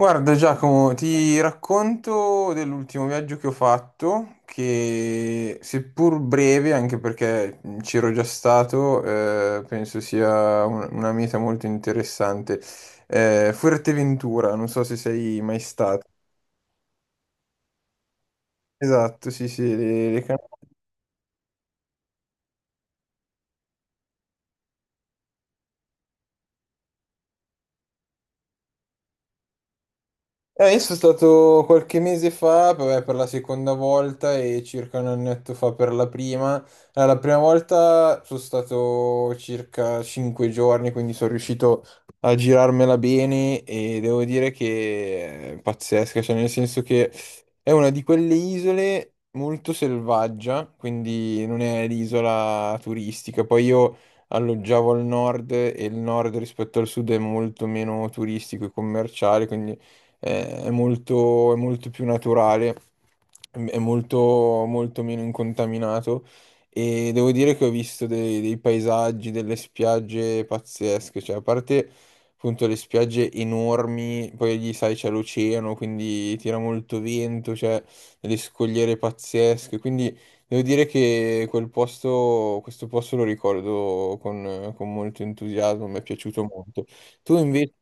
Guarda Giacomo, ti racconto dell'ultimo viaggio che ho fatto, che seppur breve, anche perché ci ero già stato, penso sia una meta molto interessante. Fuerteventura, non so se sei mai stato. Esatto, sì, sì, le Canarie. Io sono stato qualche mese fa, vabbè, per la seconda volta e circa un annetto fa per la prima. Allora, la prima volta sono stato circa cinque giorni, quindi sono riuscito a girarmela bene e devo dire che è pazzesca, cioè nel senso che è una di quelle isole molto selvaggia, quindi non è l'isola turistica. Poi io alloggiavo al nord e il nord rispetto al sud è molto meno turistico e commerciale, quindi è molto più naturale, è molto, molto meno incontaminato e devo dire che ho visto dei paesaggi, delle spiagge pazzesche, cioè a parte appunto le spiagge enormi, poi lì sai c'è l'oceano, quindi tira molto vento, c'è delle scogliere pazzesche, quindi devo dire che questo posto lo ricordo con molto entusiasmo, mi è piaciuto molto. Tu invece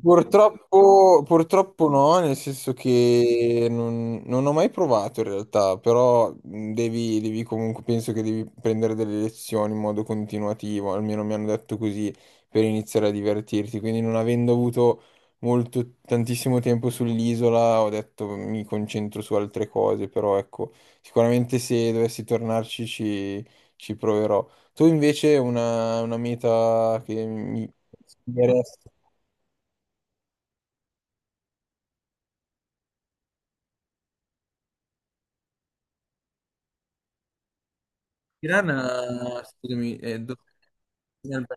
purtroppo, no, nel senso che non ho mai provato in realtà, però devi comunque, penso che devi prendere delle lezioni in modo continuativo, almeno mi hanno detto così, per iniziare a divertirti. Quindi non avendo avuto tantissimo tempo sull'isola, ho detto mi concentro su altre cose, però ecco, sicuramente se dovessi tornarci ci proverò. Tu invece una meta che mi... Tirana, scusami, è dove? Ok.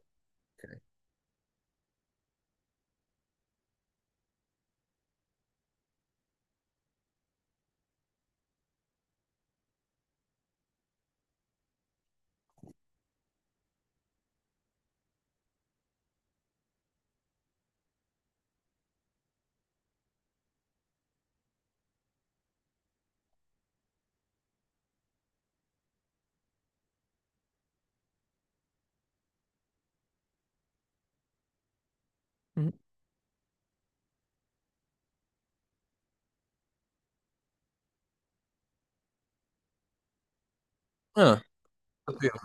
Mhm. Ah, sapevo.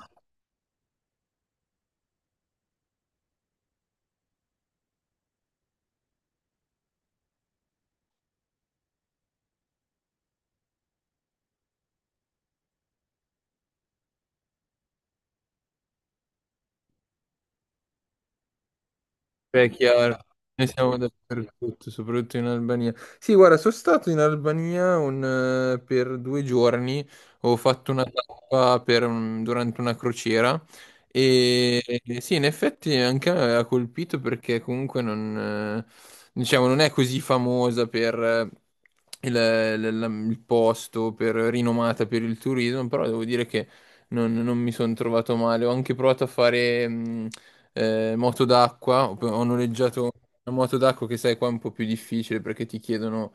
Beh, è chiaro, noi siamo dappertutto, soprattutto in Albania. Sì, guarda, sono stato in Albania per due giorni, ho fatto una tappa per durante una crociera e sì, in effetti anche a me ha colpito perché comunque non, diciamo, non è così famosa per il posto, per rinomata per il turismo, però devo dire che non mi sono trovato male. Ho anche provato a fare... moto d'acqua, ho noleggiato una moto d'acqua che sai qua è un po' più difficile perché ti chiedono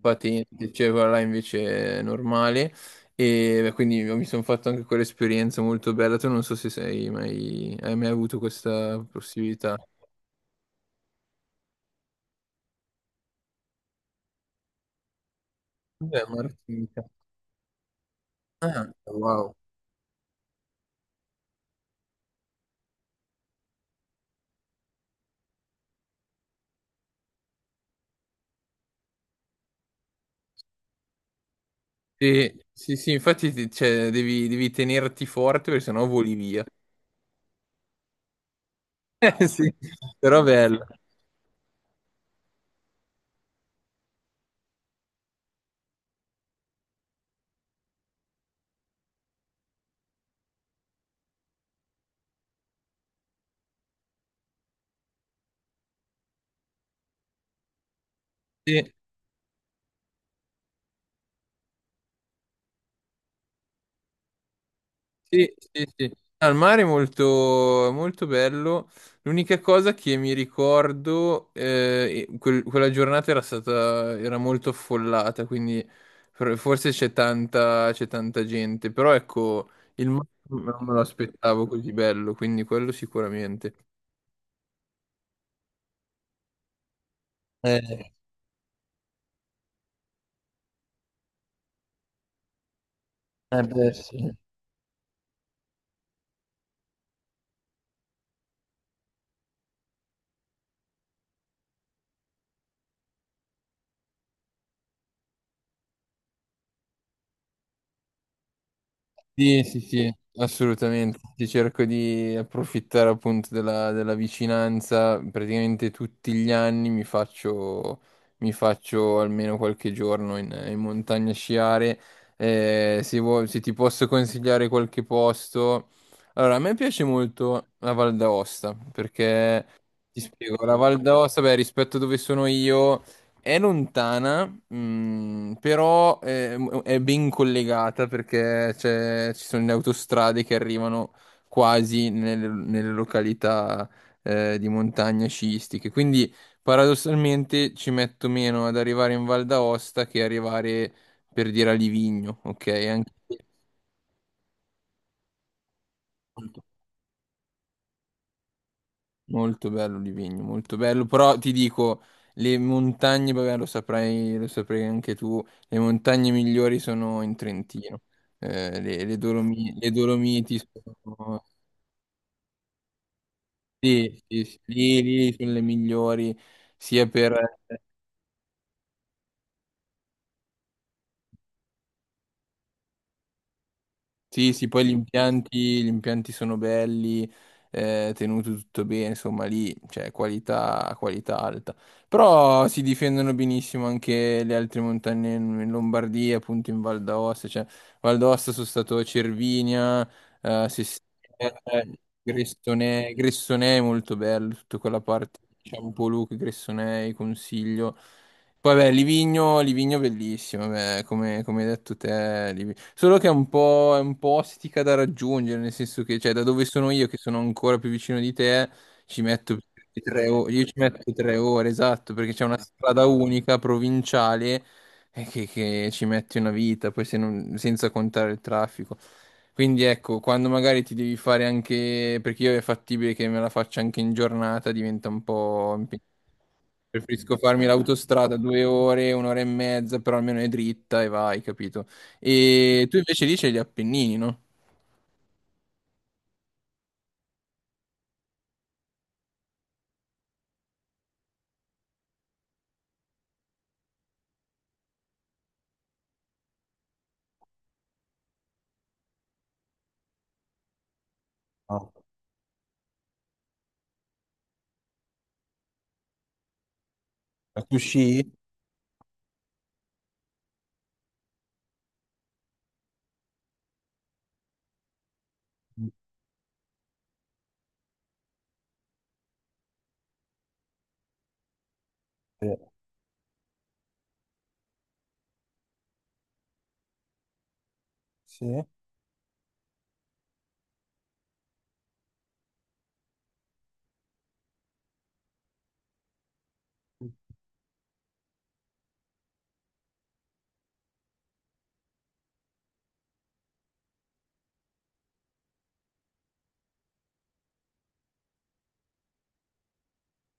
patente, cioè quella là invece è normale e beh, quindi mi sono fatto anche quell'esperienza molto bella, tu non so se sei mai, hai mai avuto questa possibilità. Beh, Martinica. Ah, wow. Sì, sì, sì, infatti cioè, devi tenerti forte perché sennò voli via. Sì, però bello. Sì, sì, sì, sì. Al mare è molto bello. L'unica cosa che mi ricordo, quella giornata era stata, era molto affollata, quindi forse c'è tanta gente. Però ecco, il mare non me lo aspettavo così bello, quindi quello sicuramente. Eh, eh beh, sì. Sì, sì, sì, assolutamente. Ti cerco di approfittare appunto della, della vicinanza. Praticamente tutti gli anni mi faccio almeno qualche giorno in, in montagna a sciare. Se ti posso consigliare qualche posto. Allora, a me piace molto la Val d'Aosta perché ti spiego, la Val d'Aosta, beh, rispetto a dove sono io. È lontana, mm, però è ben collegata perché ci sono le autostrade che arrivano quasi nelle, nelle località di montagna sciistiche. Quindi paradossalmente ci metto meno ad arrivare in Val d'Aosta che arrivare per dire a Livigno, ok? Anche molto bello Livigno, molto bello, però ti dico, le montagne, vabbè, lo saprai anche tu, le montagne migliori sono in Trentino. Le, le le Dolomiti sono, sì, sì, sì, lì, lì sono le migliori, sia per, sì, sì, poi gli impianti sono belli, tenuto tutto bene, insomma lì c'è qualità, qualità alta. Però si difendono benissimo anche le altre montagne in, in Lombardia, appunto in Val d'Aosta, cioè Val d'Aosta sono stato a Cervinia, Sestina, Gressonei, Gressonei è molto bello, tutta quella parte, diciamo Poluca, Gressonei, Consiglio. Poi beh, Livigno, Livigno bellissimo, beh, come, come hai detto te, solo che è un po' ostica da raggiungere, nel senso che, cioè, da dove sono io, che sono ancora più vicino di te, ci metto tre ore, io ci metto tre ore, esatto, perché c'è una strada unica, provinciale, che ci metti una vita, poi se non- senza contare il traffico. Quindi ecco, quando magari ti devi fare anche, perché io è fattibile che me la faccia anche in giornata, diventa un po' impegnativo. Preferisco farmi l'autostrada due ore, un'ora e mezza, però almeno è dritta e vai, capito? E tu invece lì c'hai gli Appennini, no? Sì, sì,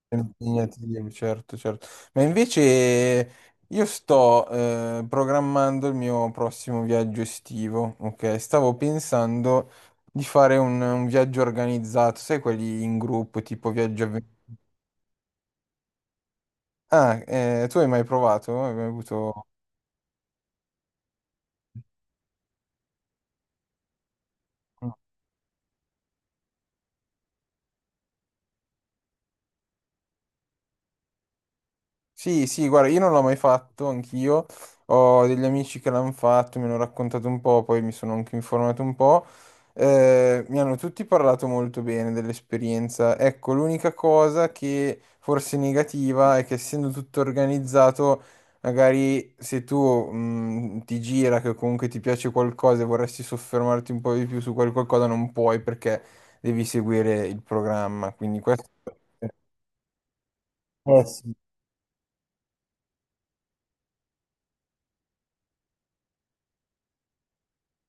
è impegnativo, certo, certo. Ma invece io sto programmando il mio prossimo viaggio estivo, ok? Stavo pensando di fare un viaggio organizzato, sai, quelli in gruppo, tipo ah, tu hai mai provato? Hai mai avuto... Sì, sì, guarda, io non l'ho mai fatto, anch'io. Ho degli amici che l'hanno fatto, mi hanno raccontato un po', poi mi sono anche informato un po'. Mi hanno tutti parlato molto bene dell'esperienza. Ecco, l'unica cosa che forse è negativa è che essendo tutto organizzato, magari se tu ti gira che comunque ti piace qualcosa e vorresti soffermarti un po' di più su quel qualcosa, non puoi perché devi seguire il programma. Quindi questo... Eh sì.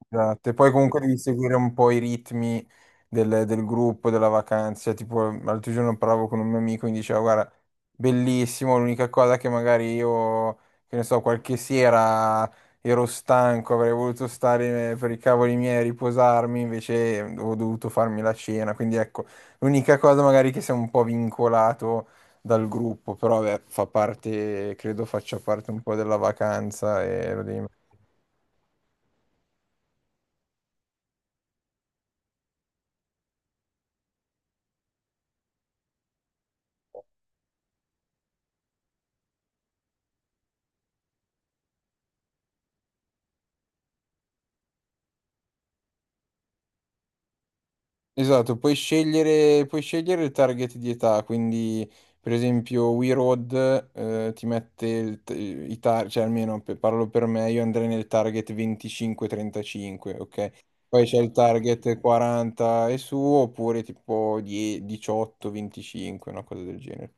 Esatto, e poi comunque devi seguire un po' i ritmi del, del gruppo, della vacanza. Tipo, l'altro giorno parlavo con un mio amico e mi diceva, guarda, bellissimo, l'unica cosa che magari io, che ne so, qualche sera ero stanco, avrei voluto stare per i cavoli miei a riposarmi, invece ho dovuto farmi la cena. Quindi ecco, l'unica cosa magari che sei un po' vincolato dal gruppo, però beh, fa parte, credo faccia parte un po' della vacanza e lo devi... Esatto, puoi scegliere il target di età, quindi per esempio We Road ti mette i target, cioè almeno parlo per me, io andrei nel target 25-35, ok? Poi c'è il target 40 e su, oppure tipo 18-25, una cosa del genere.